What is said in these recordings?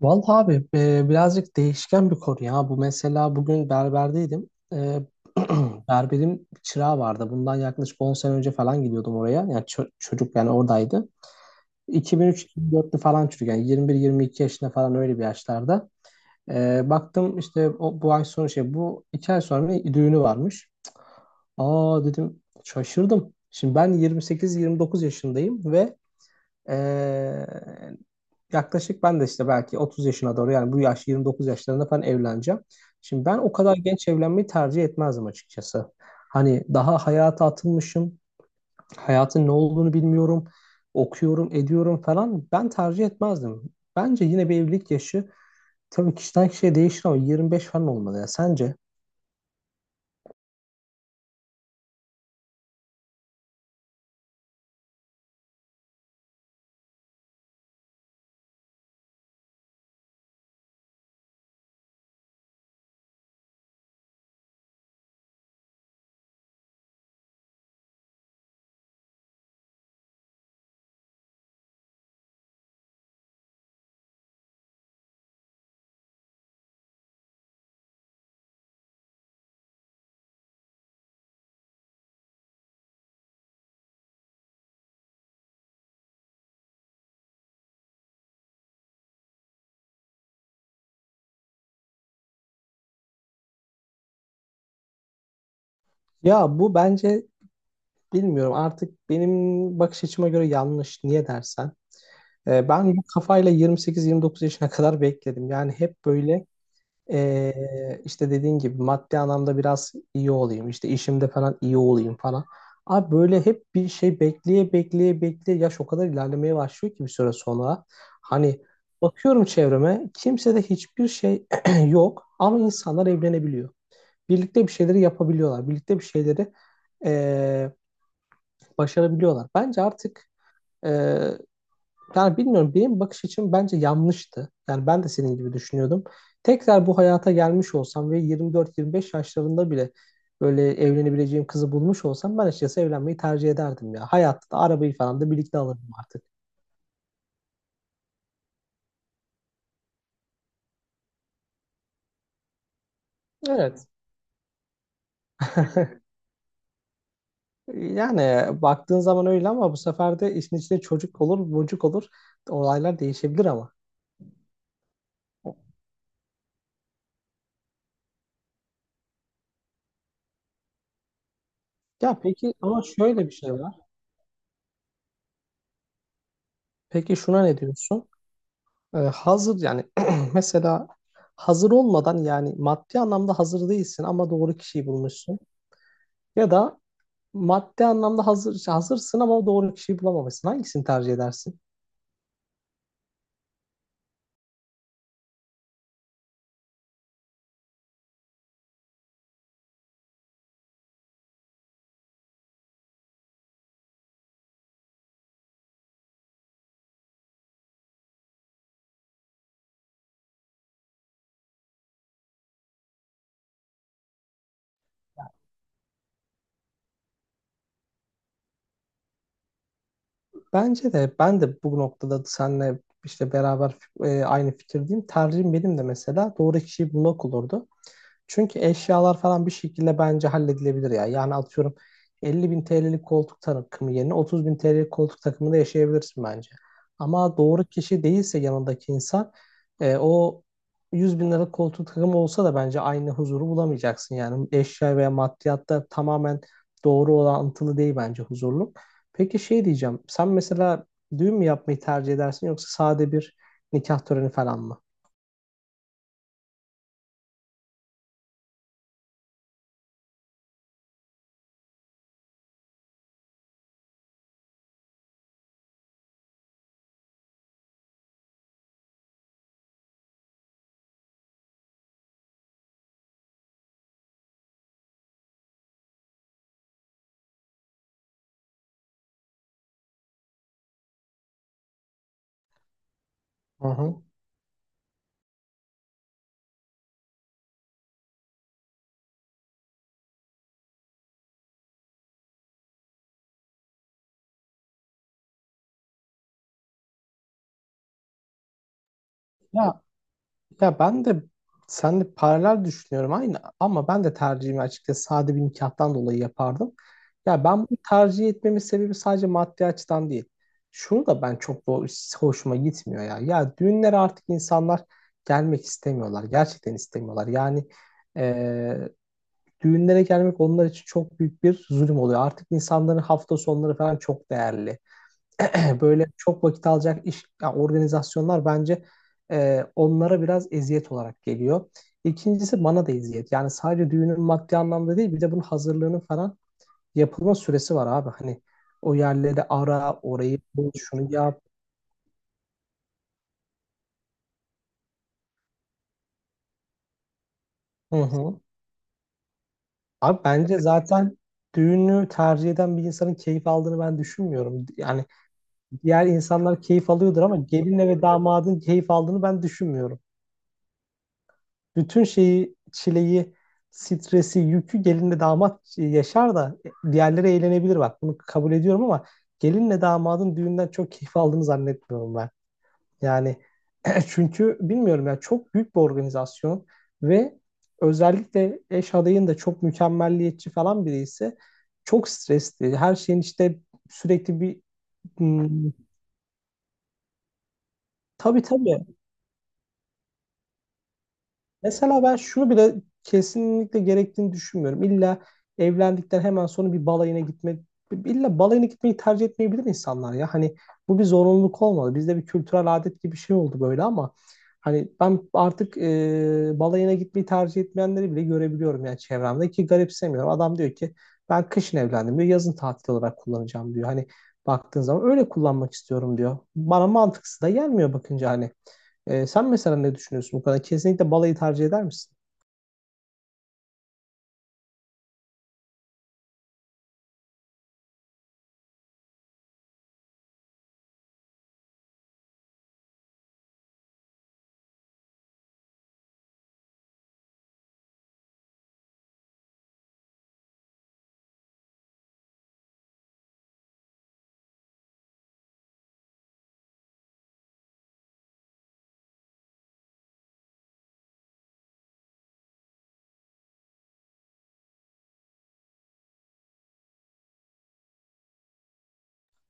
Vallahi abi birazcık değişken bir konu ya. Bu mesela bugün berberdeydim. Berberim çırağı vardı. Bundan yaklaşık 10 sene önce falan gidiyordum oraya. Yani çocuk yani oradaydı. 2003-2004'lü falan çocuk yani 21-22 yaşında falan öyle bir yaşlarda. Baktım işte o, bu 2 ay sonra bir düğünü varmış. Aa dedim, şaşırdım. Şimdi ben 28-29 yaşındayım ve e, yaklaşık ben de işte belki 30 yaşına doğru, yani bu yaş 29 yaşlarında falan evleneceğim. Şimdi ben o kadar genç evlenmeyi tercih etmezdim açıkçası. Hani daha hayata atılmışım. Hayatın ne olduğunu bilmiyorum. Okuyorum, ediyorum falan. Ben tercih etmezdim. Bence yine bir evlilik yaşı tabii kişiden kişiye değişir ama 25 falan olmalı ya. Sence? Ya bu bence bilmiyorum, artık benim bakış açıma göre yanlış. Niye dersen? Ben bu kafayla 28-29 yaşına kadar bekledim. Yani hep böyle işte dediğin gibi maddi anlamda biraz iyi olayım, işte işimde falan iyi olayım falan. Abi böyle hep bir şey bekleye bekleye bekleye yaş o kadar ilerlemeye başlıyor ki bir süre sonra. Hani bakıyorum çevreme, kimsede hiçbir şey yok ama insanlar evlenebiliyor. Birlikte bir şeyleri yapabiliyorlar. Birlikte bir şeyleri ee, başarabiliyorlar. Bence artık yani bilmiyorum, benim bakış açım bence yanlıştı. Yani ben de senin gibi düşünüyordum. Tekrar bu hayata gelmiş olsam ve 24-25 yaşlarında bile böyle evlenebileceğim kızı bulmuş olsam ben açıkçası evlenmeyi tercih ederdim ya. Hayatta da arabayı falan da birlikte alırdım artık. Evet. Yani baktığın zaman öyle ama bu sefer de işin içinde çocuk olur, bocuk olur. Olaylar değişebilir ama. Ya peki, ama şöyle bir şey var. Peki şuna ne diyorsun? Hazır yani mesela hazır olmadan, yani maddi anlamda hazır değilsin ama doğru kişiyi bulmuşsun. Ya da maddi anlamda hazırsın ama doğru kişiyi bulamamışsın. Hangisini tercih edersin? Bence de ben de bu noktada seninle işte beraber aynı fikirdeyim. Tercihim benim de mesela doğru kişiyi bulmak olurdu. Çünkü eşyalar falan bir şekilde bence halledilebilir ya. Yani atıyorum, 50 bin TL'lik koltuk takımı yerine 30 bin TL'lik koltuk takımında yaşayabilirsin bence. Ama doğru kişi değilse yanındaki insan, o 100 bin liralık koltuk takımı olsa da bence aynı huzuru bulamayacaksın. Yani eşya veya maddiyatta tamamen doğru orantılı değil bence huzurluk. Peki şey diyeceğim. Sen mesela düğün mü yapmayı tercih edersin, yoksa sade bir nikah töreni falan mı? Hı hı. Ya Ya ben de seninle paralel düşünüyorum aynı, ama ben de tercihimi açıkçası sade bir nikahtan dolayı yapardım. Ya ben bunu tercih etmemin sebebi sadece maddi açıdan değil. Şunu da ben çok hoşuma gitmiyor ya. Ya düğünlere artık insanlar gelmek istemiyorlar. Gerçekten istemiyorlar. Yani eee, düğünlere gelmek onlar için çok büyük bir zulüm oluyor. Artık insanların hafta sonları falan çok değerli. Böyle çok vakit alacak iş ya, organizasyonlar bence onlara biraz eziyet olarak geliyor. İkincisi bana da eziyet. Yani sadece düğünün maddi anlamda değil, bir de bunun hazırlığının falan yapılma süresi var abi. Hani o yerleri ara, orayı bul, şunu yap. Hı hı. Abi bence zaten düğünü tercih eden bir insanın keyif aldığını ben düşünmüyorum. Yani diğer insanlar keyif alıyordur ama gelinle ve damadın keyif aldığını ben düşünmüyorum. Bütün şeyi, çileyi, stresi, yükü gelinle damat yaşar da diğerleri eğlenebilir bak. Bunu kabul ediyorum ama gelinle damadın düğünden çok keyif aldığını zannetmiyorum ben. Yani çünkü bilmiyorum ya, çok büyük bir organizasyon ve özellikle eş adayın da çok mükemmelliyetçi falan biri ise çok stresli. Her şeyin işte sürekli bir... Hmm. Tabii, tabii. Mesela ben şunu bile kesinlikle gerektiğini düşünmüyorum. İlla evlendikten hemen sonra bir balayına gitmek, illa balayına gitmeyi tercih etmeyebilir insanlar ya. Hani bu bir zorunluluk olmalı. Bizde bir kültürel adet gibi bir şey oldu böyle ama hani ben artık balayına gitmeyi tercih etmeyenleri bile görebiliyorum yani çevremde ki garipsemiyorum. Adam diyor ki, ben kışın evlendim diyor, yazın tatil olarak kullanacağım diyor. Hani baktığın zaman öyle kullanmak istiyorum diyor. Bana mantıksız da gelmiyor bakınca hani. Sen mesela ne düşünüyorsun bu konuda? Kesinlikle balayı tercih eder misin?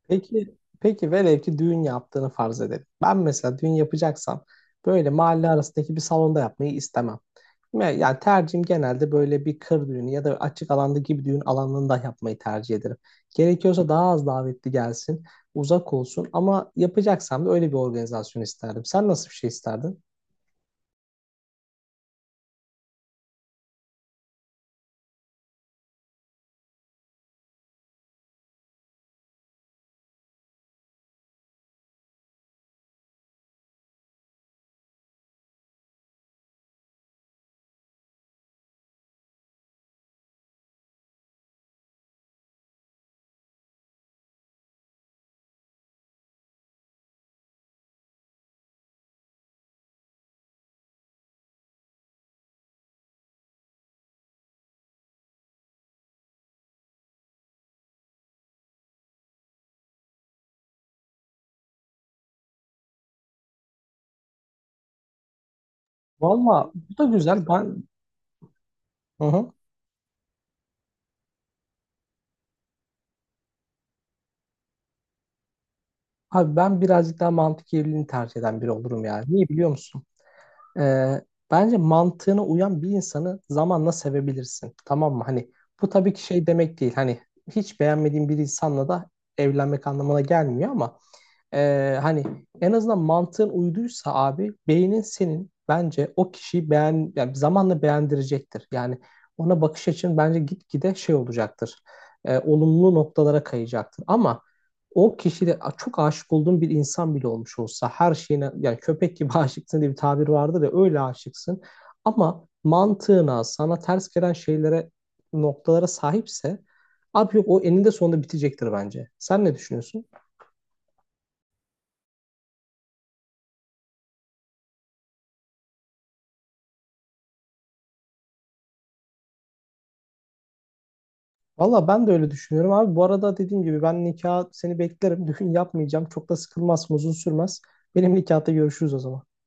Peki, peki velev ki düğün yaptığını farz edelim. Ben mesela düğün yapacaksam böyle mahalle arasındaki bir salonda yapmayı istemem. Yani tercihim genelde böyle bir kır düğünü ya da açık alanda gibi düğün alanında yapmayı tercih ederim. Gerekiyorsa daha az davetli gelsin, uzak olsun ama yapacaksam da öyle bir organizasyon isterdim. Sen nasıl bir şey isterdin? Valla bu da güzel. Ben, hı hı. Abi ben birazcık daha mantık evliliğini tercih eden biri olurum yani. Niye biliyor musun? Ee, Bence mantığına uyan bir insanı zamanla sevebilirsin. Tamam mı? Hani bu tabii ki şey demek değil. Hani hiç beğenmediğin bir insanla da evlenmek anlamına gelmiyor ama hani en azından mantığın uyduysa abi, beynin senin bence o kişiyi beğen yani zamanla beğendirecektir. Yani ona bakış açın bence gitgide şey olacaktır. Olumlu noktalara kayacaktır. Ama o kişide çok aşık olduğun bir insan bile olmuş olsa her şeyine, yani köpek gibi aşıksın diye bir tabir vardır ya, öyle aşıksın. Ama mantığına sana ters gelen şeylere, noktalara sahipse abi yok, o eninde sonunda bitecektir bence. Sen ne düşünüyorsun? Valla ben de öyle düşünüyorum abi. Bu arada dediğim gibi ben nikah seni beklerim. Düğün yapmayacağım. Çok da sıkılmaz, uzun sürmez. Benim nikahta görüşürüz o zaman.